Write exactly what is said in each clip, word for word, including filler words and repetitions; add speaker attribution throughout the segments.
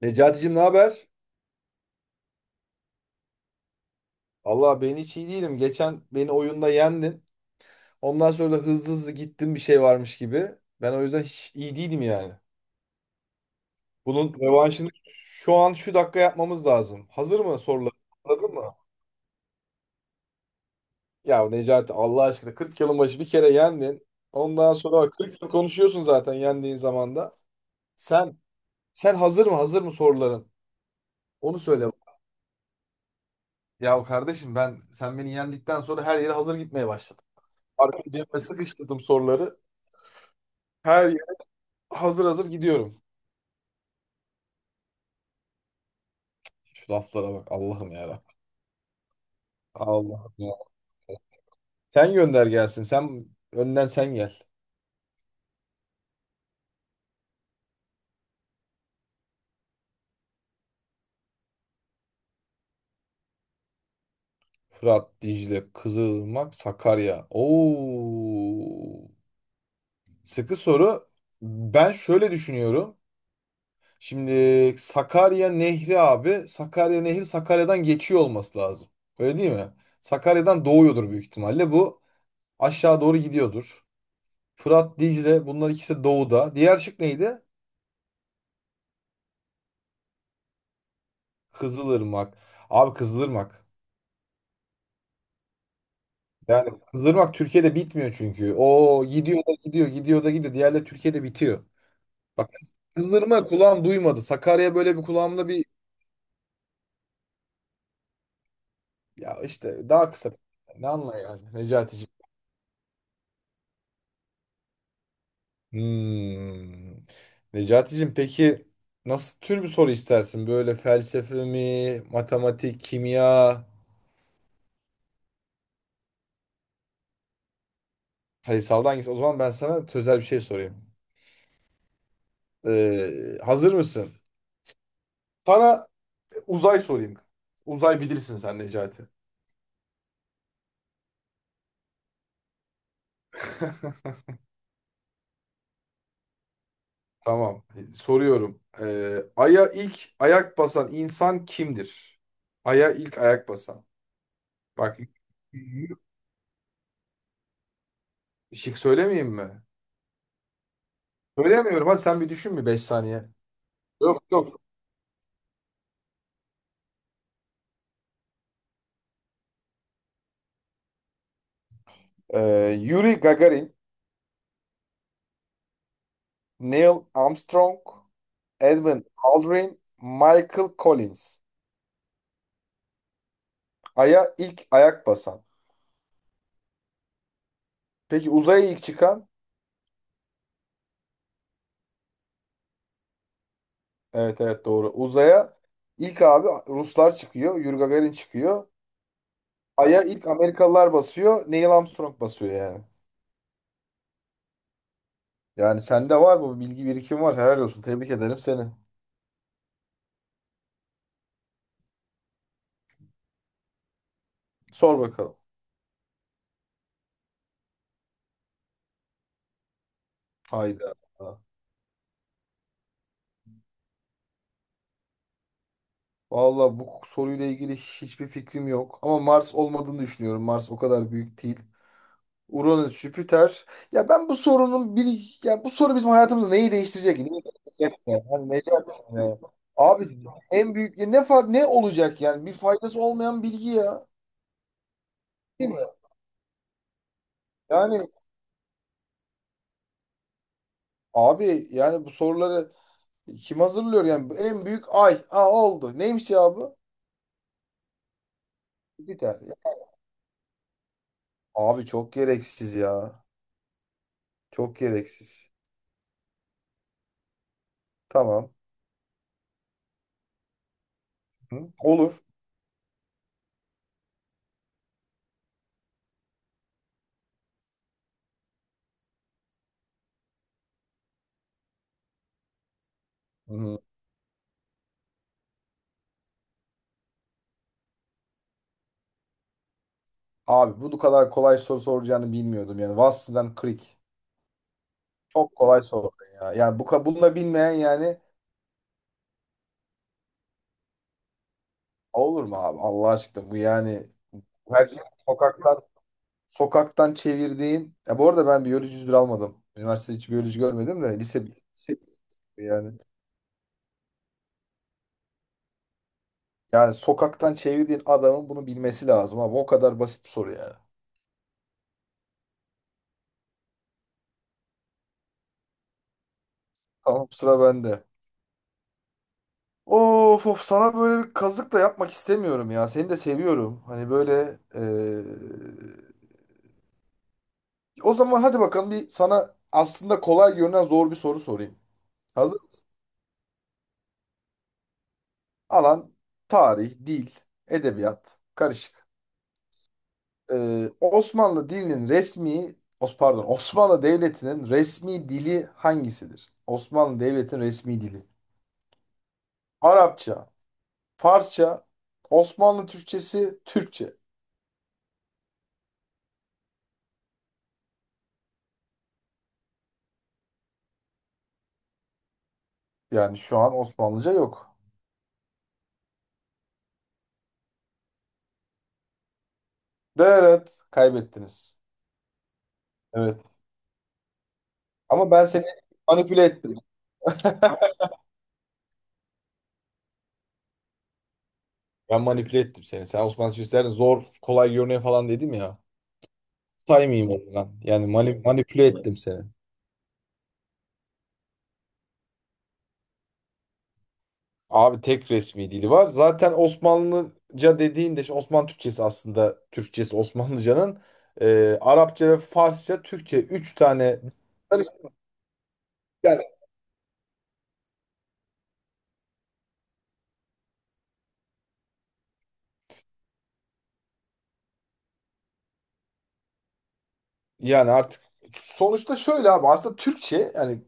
Speaker 1: Necati'cim ne haber? Allah ben hiç iyi değilim. Geçen beni oyunda yendin. Ondan sonra da hızlı hızlı gittin bir şey varmış gibi. Ben o yüzden hiç iyi değilim yani. Bunun revanşını şu an şu dakika yapmamız lazım. Hazır mı sorular? Anladın mı? Ya Necati Allah aşkına kırk yılın başı bir kere yendin. Ondan sonra bak kırk yıl konuşuyorsun zaten yendiğin zamanda. Sen sen hazır mı? Hazır mı soruların? Onu söyle. Ya kardeşim ben sen beni yendikten sonra her yere hazır gitmeye başladım. Arka cebime sıkıştırdım soruları. Her Hazır hazır gidiyorum. Şu laflara bak. Allah'ım ya Rabbim. Allah'ım ya. Sen gönder gelsin. Sen önden sen gel. Fırat, Dicle, Kızılırmak, Sakarya. Oo. Sıkı soru. Ben şöyle düşünüyorum. Şimdi Sakarya Nehri abi. Sakarya Nehri Sakarya'dan geçiyor olması lazım. Öyle değil mi? Sakarya'dan doğuyordur büyük ihtimalle. Bu aşağı doğru gidiyordur. Fırat, Dicle bunlar ikisi doğuda. Diğer şık neydi? Kızılırmak. Abi Kızılırmak. Yani kızdırmak Türkiye'de bitmiyor çünkü. O gidiyor da gidiyor, gidiyor da gidiyor. Diğerleri Türkiye'de bitiyor. Bak kızdırma kulağım duymadı. Sakarya böyle bir kulağımda bir ya işte daha kısa. Ne anla yani Necati'cim. Hmm. Necati'cim peki nasıl tür bir soru istersin? Böyle felsefe mi, matematik, kimya, sayısaldan hangisi? O zaman ben sana sözel bir şey sorayım. Ee, hazır mısın? Sana uzay sorayım. Uzay bilirsin sen Necati. Tamam. Soruyorum. Ee, Ay'a ilk ayak basan insan kimdir? Ay'a ilk ayak basan. Bak şık söylemeyeyim mi? Söylemiyorum. Hadi sen bir düşün bir beş saniye. Yok yok. Ee, Yuri Gagarin, Neil Armstrong, Edwin Aldrin, Michael Collins. Ay'a ilk ayak basan. Peki uzaya ilk çıkan? Evet evet doğru. Uzaya ilk abi Ruslar çıkıyor. Yuri Gagarin çıkıyor. Ay'a ilk Amerikalılar basıyor. Neil Armstrong basıyor yani. Yani sende var mı? Bilgi birikim var. Helal olsun. Tebrik ederim seni. Sor bakalım. Hayda. Vallahi bu soruyla ilgili hiçbir fikrim yok. Ama Mars olmadığını düşünüyorum. Mars o kadar büyük değil. Uranüs, Jüpiter. Ya ben bu sorunun bir... Ya bu soru bizim hayatımızda neyi değiştirecek ki? Neyi değiştirecek? Yani, hani, Necati ya. Abi en büyük ya ne far ne olacak yani? Bir faydası olmayan bilgi ya. Değil mi? Yani abi yani bu soruları kim hazırlıyor yani? En büyük ay. Ha oldu. Neymiş ya bu? Biter. Abi çok gereksiz ya. Çok gereksiz. Tamam. Hı, olur. Hı. Abi bu kadar kolay soru soracağını bilmiyordum yani. Vass'dan Creek. Çok kolay sordun ya. Yani bu ka- bunu da bilmeyen yani olur mu abi? Allah aşkına bu yani her şey sokaktan sokaktan çevirdiğin. Ya bu arada ben biyoloji yüz bir almadım. Üniversitede hiç biyoloji görmedim de lise, lise yani. Yani sokaktan çevirdiğin adamın bunu bilmesi lazım abi. O kadar basit bir soru yani. Tamam sıra bende. Of of sana böyle bir kazık da yapmak istemiyorum ya. Seni de seviyorum. Hani böyle eee, o zaman hadi bakalım bir sana aslında kolay görünen zor bir soru sorayım. Hazır mı? Alan tarih, dil, edebiyat karışık. Eee, Osmanlı dilinin resmi Os pardon, Osmanlı Devleti'nin resmi dili hangisidir? Osmanlı Devleti'nin resmi dili. Arapça, Farsça, Osmanlı Türkçesi, Türkçe. Yani şu an Osmanlıca yok. Evet, kaybettiniz. Evet. Ama ben seni manipüle ettim. Ben manipüle ettim seni. Sen Osmanlı Türkçesi'nden zor, kolay görünüyor falan dedim ya. Saymayayım oradan. Yani mani- manipüle ettim seni. Abi tek resmi dili var. Zaten Osmanlıca dediğinde işte Osmanlı Türkçesi aslında Türkçesi Osmanlıcanın e, Arapça ve Farsça, Türkçe üç tane yani Yani Artık sonuçta şöyle abi aslında Türkçe yani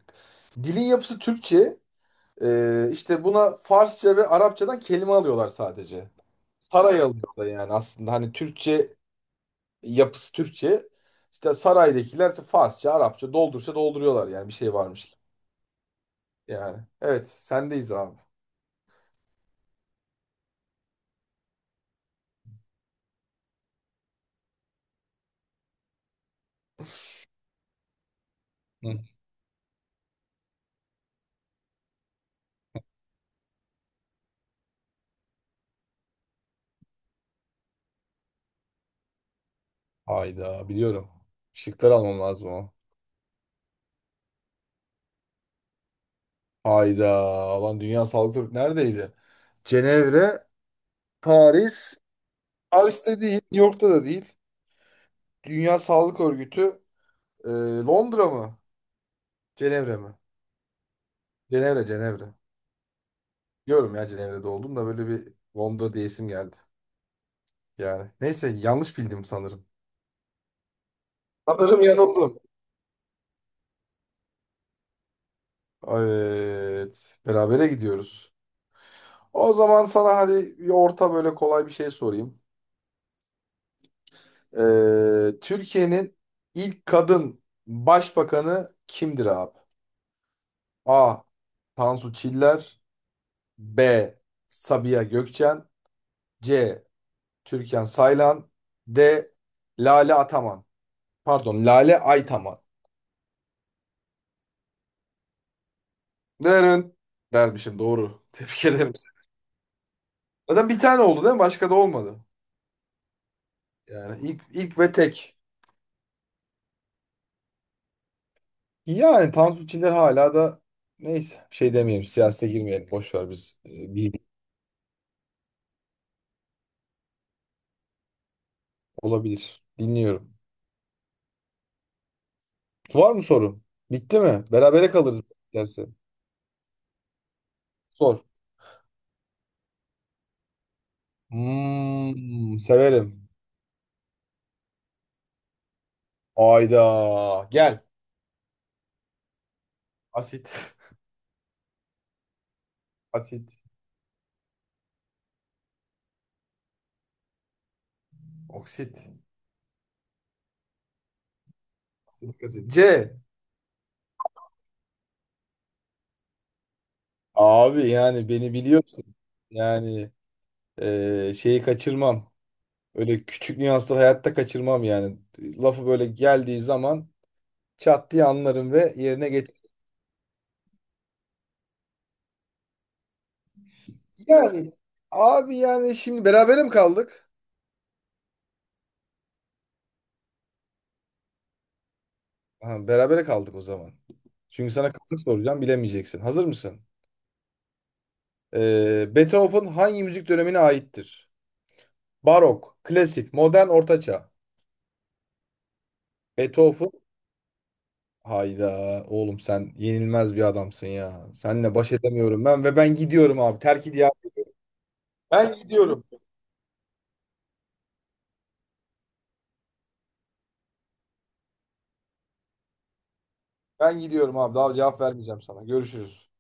Speaker 1: dilin yapısı Türkçe. Ee, işte buna Farsça ve Arapçadan kelime alıyorlar sadece. Saray alıyorlar yani aslında hani Türkçe yapısı Türkçe işte saraydakiler işte Farsça Arapça doldursa dolduruyorlar yani bir şey varmış gibi. Yani evet sendeyiz abi. Hı. Hayda biliyorum. Şıklar almam lazım o. Hayda lan Dünya Sağlık Örgütü neredeydi? Cenevre, Paris, Paris'te değil, New York'ta da değil. Dünya Sağlık Örgütü e, Londra mı? Cenevre mi? Cenevre, Cenevre. Diyorum ya Cenevre'de oldum da böyle bir Londra diye isim geldi. Yani neyse yanlış bildim sanırım. Sanırım yanıldım. Evet. Berabere gidiyoruz. O zaman sana hadi bir orta böyle kolay bir şey sorayım. Ee, Türkiye'nin ilk kadın başbakanı kimdir abi? A. Tansu Çiller. B. Sabiha Gökçen. C. Türkan Saylan. D. Lale Ataman. Pardon, Lale Aytaman. Derin. Dermişim doğru. Tebrik ederim. Zaten bir tane oldu değil mi? Başka da olmadı. Yani ilk, ilk ve tek. Yani Tansu Çiller hala da neyse bir şey demeyelim. Siyasete girmeyelim. Boş ver biz. Ee, Bir olabilir. Dinliyorum. Var mı sorun? Bitti mi? Berabere kalırız derse. Sor. Hmm, severim. Ayda. Gel. Asit. Asit. Oksit. Dikkat edin. C. Abi yani beni biliyorsun yani eee, şeyi kaçırmam. Öyle küçük nüansları hayatta kaçırmam yani. Lafı böyle geldiği zaman çat diye anlarım ve yerine getir. Yani abi yani şimdi berabere mi kaldık? Ha, berabere kaldık o zaman. Çünkü sana kısa soracağım bilemeyeceksin. Hazır mısın? Eee, Beethoven hangi müzik dönemine aittir? Barok, klasik, modern, ortaçağ. Beethoven. Hayda oğlum sen yenilmez bir adamsın ya. Seninle baş edemiyorum ben ve ben gidiyorum abi. Terk ediyorum. Ben gidiyorum. Ben gidiyorum abi. Daha cevap vermeyeceğim sana. Görüşürüz.